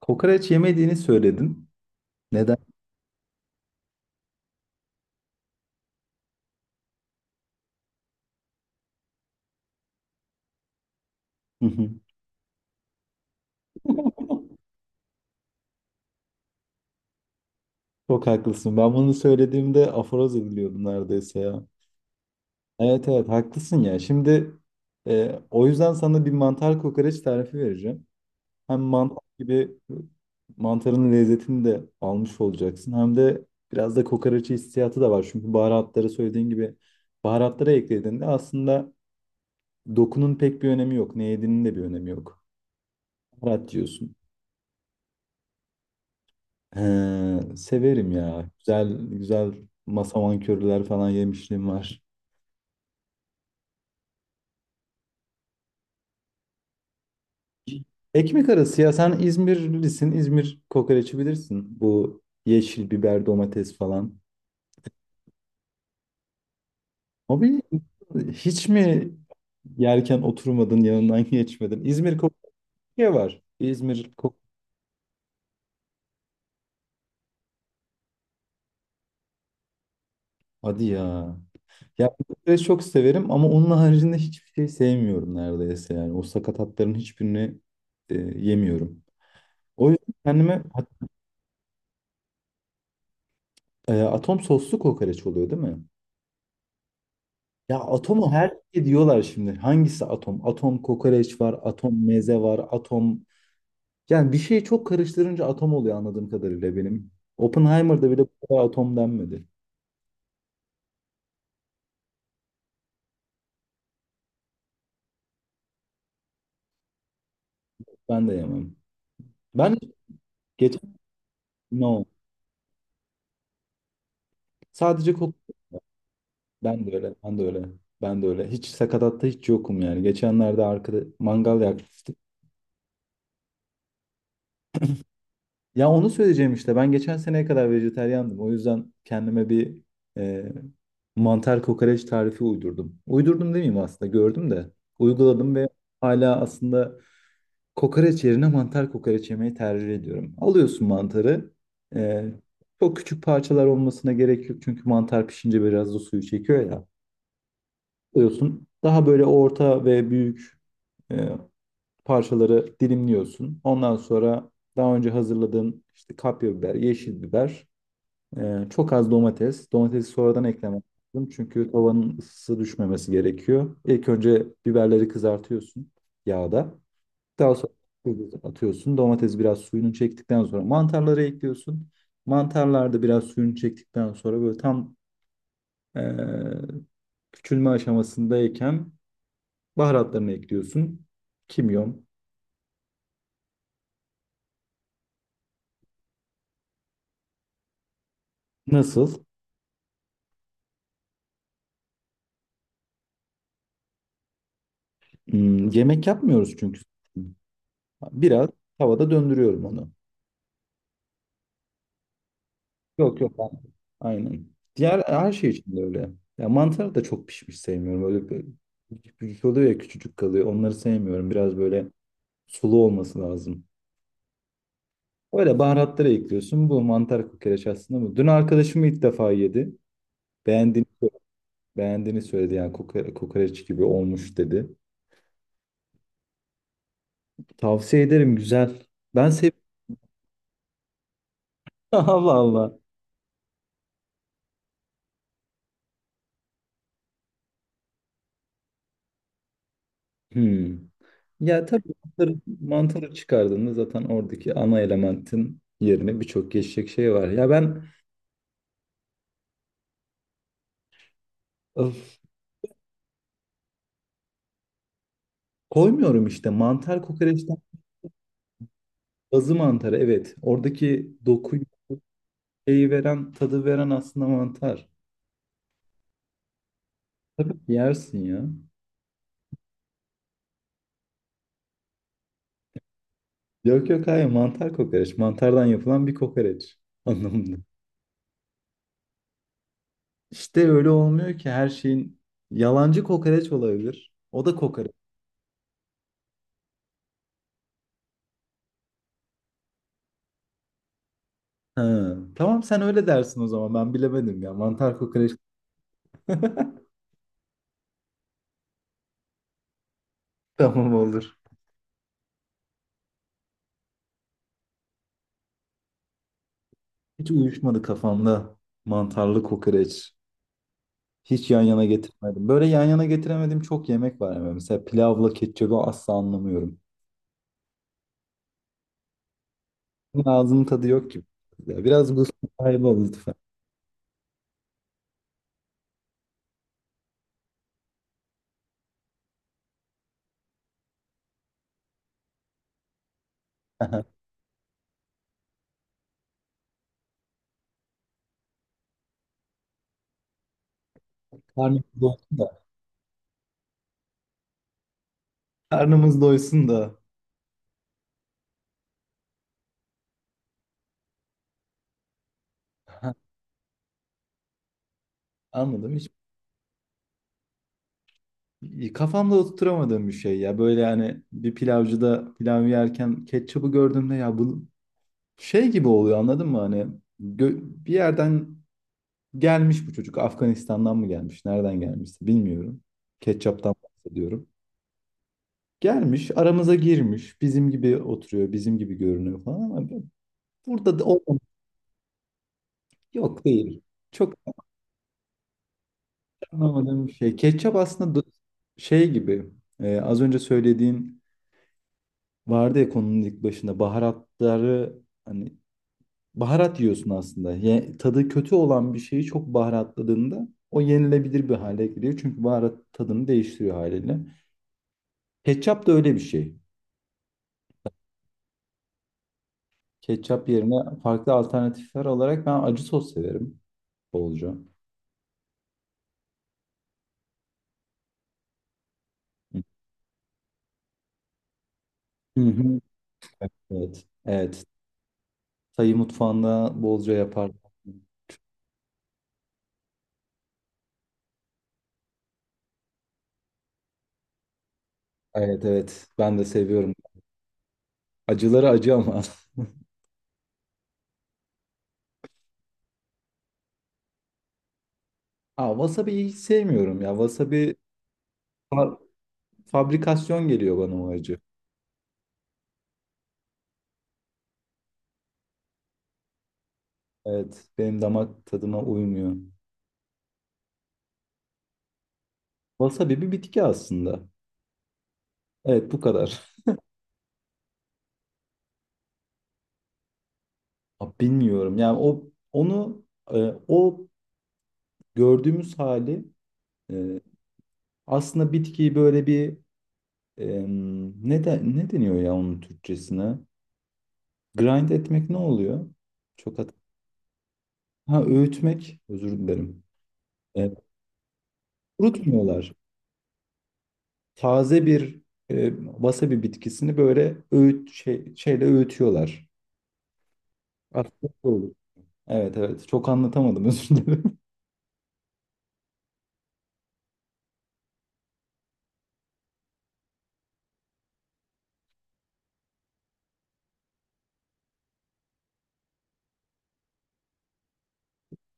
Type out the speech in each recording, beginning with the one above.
Kokoreç yemediğini söyledin. Neden? Hı hı. Çok haklısın. Ben bunu söylediğimde aforoz ediliyordum neredeyse ya. Evet, evet, haklısın ya. Şimdi o yüzden sana bir mantar kokoreç tarifi vereceğim. Hem mantar gibi mantarın lezzetini de almış olacaksın. Hem de biraz da kokoreç hissiyatı da var. Çünkü baharatları söylediğin gibi baharatlara eklediğinde aslında dokunun pek bir önemi yok. Ne yediğinin de bir önemi yok. Baharat diyorsun. He, severim ya. Güzel güzel masaman köriler falan yemişliğim var. Ekmek arası ya, sen İzmirlisin. İzmir kokoreçi bilirsin. Bu yeşil biber, domates falan. Abi, hiç mi yerken oturmadın, yanından geçmedin? İzmir kokoreçi var. İzmir kok Hadi ya. Ya kokoreç çok severim ama onun haricinde hiçbir şey sevmiyorum neredeyse yani. O sakatatların hiçbirini yemiyorum. O yüzden kendime atom soslu kokoreç oluyor değil mi? Atom. Her şey diyorlar şimdi. Hangisi atom? Atom kokoreç var, atom meze var, atom... Yani bir şeyi çok karıştırınca atom oluyor anladığım kadarıyla benim. Oppenheimer'da bile bu kadar atom denmedi. Ben de yemem. Ben geçen... No. Sadece kok... Ben de öyle, ben de öyle. Ben de öyle. Hiç sakatatta yokum yani. Geçenlerde arkada mangal yaktık. Ya onu söyleyeceğim işte. Ben geçen seneye kadar vejetaryandım. O yüzden kendime bir e, mantar kokoreç tarifi uydurdum. Uydurdum demeyeyim, aslında gördüm de. Uyguladım ve hala aslında kokoreç yerine mantar kokoreç yemeyi tercih ediyorum. Alıyorsun mantarı. e, Çok küçük parçalar olmasına gerek yok. Çünkü mantar pişince biraz da suyu çekiyor ya. Alıyorsun. Daha böyle orta ve büyük e, parçaları dilimliyorsun. Ondan sonra daha önce hazırladığın işte kapya biber, yeşil biber, çok az domates. Domatesi sonradan eklemen lazım çünkü tavanın ısısı düşmemesi gerekiyor. İlk önce biberleri kızartıyorsun yağda. Daha sonra atıyorsun. Domates biraz suyunu çektikten sonra mantarları ekliyorsun. Mantarlar da biraz suyunu çektikten sonra böyle tam e, küçülme aşamasındayken baharatlarını ekliyorsun. Kimyon. Nasıl? Hmm, yemek yapmıyoruz çünkü. Biraz tavada döndürüyorum onu. Yok, yok. Aynen. Diğer her şey için de öyle. Ya mantarı da çok pişmiş sevmiyorum. Büyük büyük oluyor ya, küçücük kalıyor. Onları sevmiyorum. Biraz böyle sulu olması lazım. Öyle baharatları ekliyorsun. Bu mantar kokoreç aslında bu. Dün arkadaşım ilk defa yedi. Beğendiğini, beğendiğini söyledi. Yani kokoreç gibi olmuş dedi. Tavsiye ederim, güzel. Ben seviyorum. Allah Allah. Hmm. Ya tabii mantarı, mantarı çıkardığında zaten oradaki ana elementin yerine birçok geçecek şey var. Öf, Koymuyorum işte mantar kokoreçten mantarı, evet. Oradaki dokuyu şeyi veren tadı veren aslında mantar. Tabii ki yersin ya. Yok, yok, hayır, mantar kokoreç. Mantardan yapılan bir kokoreç anlamında. İşte öyle olmuyor ki, her şeyin yalancı kokoreç olabilir. O da kokoreç. Ha, tamam, sen öyle dersin o zaman, ben bilemedim ya. Mantar kokoreç. Tamam, olur. Hiç uyuşmadı kafamda mantarlı kokoreç. Hiç yan yana getirmedim. Böyle yan yana getiremediğim çok yemek var ama. Mesela pilavla ketçabı asla anlamıyorum. Bunun ağzının tadı yok gibi. Ya biraz bu sahibi ol lütfen. Karnımız doysun da. Karnımız doysun da. Anladım. Hiç kafamda oturtamadığım bir şey ya. Böyle yani bir pilavcıda pilav yerken ketçabı gördüğümde, ya bu şey gibi oluyor, anladın mı? Hani bir yerden gelmiş bu çocuk. Afganistan'dan mı gelmiş? Nereden gelmişse bilmiyorum. Ketçaptan bahsediyorum. Gelmiş, aramıza girmiş. Bizim gibi oturuyor, bizim gibi görünüyor falan ama burada da olmam. Yok, değil. Çok anlamadığım bir şey. Şey gibi. Az önce söylediğin vardı ya, konunun ilk başında, baharatları, hani, baharat yiyorsun aslında. Tadı kötü olan bir şeyi çok baharatladığında o yenilebilir bir hale geliyor. Çünkü baharat tadını değiştiriyor haliyle. Ketçap da öyle bir şey. Ketçap yerine farklı alternatifler olarak ben acı sos severim bolca. Hı hı. Evet. Evet. Tayı mutfağında bolca yapar. Evet, evet. Ben de seviyorum. Acıları acı ama. Aa, wasabi'yi hiç sevmiyorum ya. Fa- Fabrikasyon geliyor bana o acı. Evet. Benim damak tadıma uymuyor. Wasabi bir bitki aslında. Evet, bu kadar. Aa, bilmiyorum. Yani o onu e, o gördüğümüz hali. e, Aslında bitkiyi böyle bir ne deniyor ya onun Türkçesine? Grind etmek ne oluyor? Çok hat Ha, öğütmek, özür dilerim. E, kurutmuyorlar. Taze bir wasabi bitkisini böyle şeyle öğütüyorlar. Aslında bu olur. Evet, evet, çok anlatamadım, özür dilerim.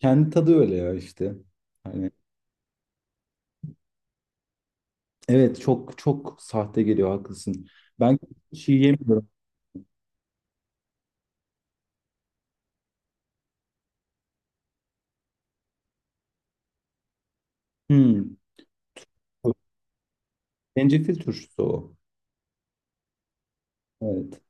Kendi tadı öyle ya işte. Hani evet, çok çok sahte geliyor, haklısın. Ben şey yemiyorum. Hmm. Zencefil turşusu o. Evet.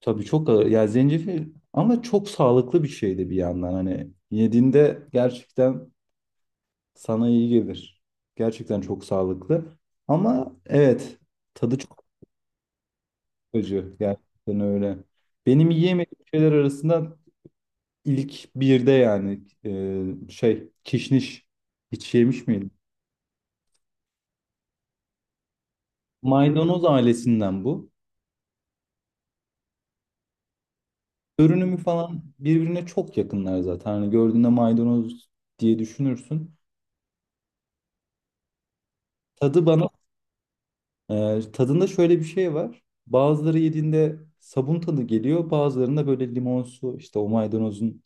Tabii çok ağır. Ya zencefil ama çok sağlıklı bir şey de bir yandan, hani yediğinde gerçekten sana iyi gelir. Gerçekten çok sağlıklı. Ama evet, tadı çok acı gerçekten, öyle. Benim yiyemediğim şeyler arasında ilk birde yani, kişniş, hiç yemiş miydim? Maydanoz ailesinden bu. Görünümü falan birbirine çok yakınlar zaten. Hani gördüğünde maydanoz diye düşünürsün. Tadı bana tadında şöyle bir şey var. Bazıları yediğinde sabun tadı geliyor. Bazılarında böyle limonsu, işte o maydanozun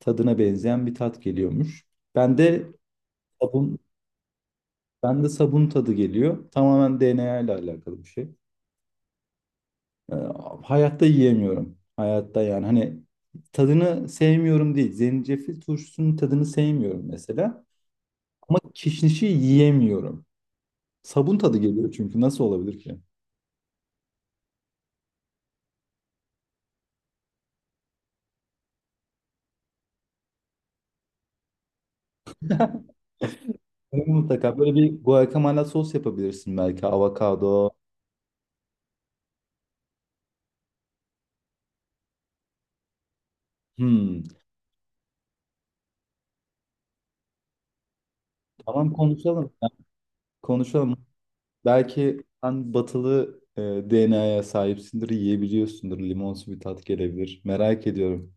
tadına benzeyen bir tat geliyormuş. Ben de sabun ben de sabun tadı geliyor. Tamamen DNA ile alakalı bir şey. Ee, Hayatta yiyemiyorum. Hayatta yani hani tadını sevmiyorum değil. Zencefil turşusunun tadını sevmiyorum mesela. Ama kişnişi yiyemiyorum. Sabun tadı geliyor çünkü, nasıl olabilir ki? Bunu mutlaka böyle bir guacamole sos yapabilirsin belki, avokado. Hmm. Tamam, konuşalım. Konuşalım. Belki sen batılı DNA'ya sahipsindir, yiyebiliyorsundur. Limonsu bir tat gelebilir. Merak ediyorum.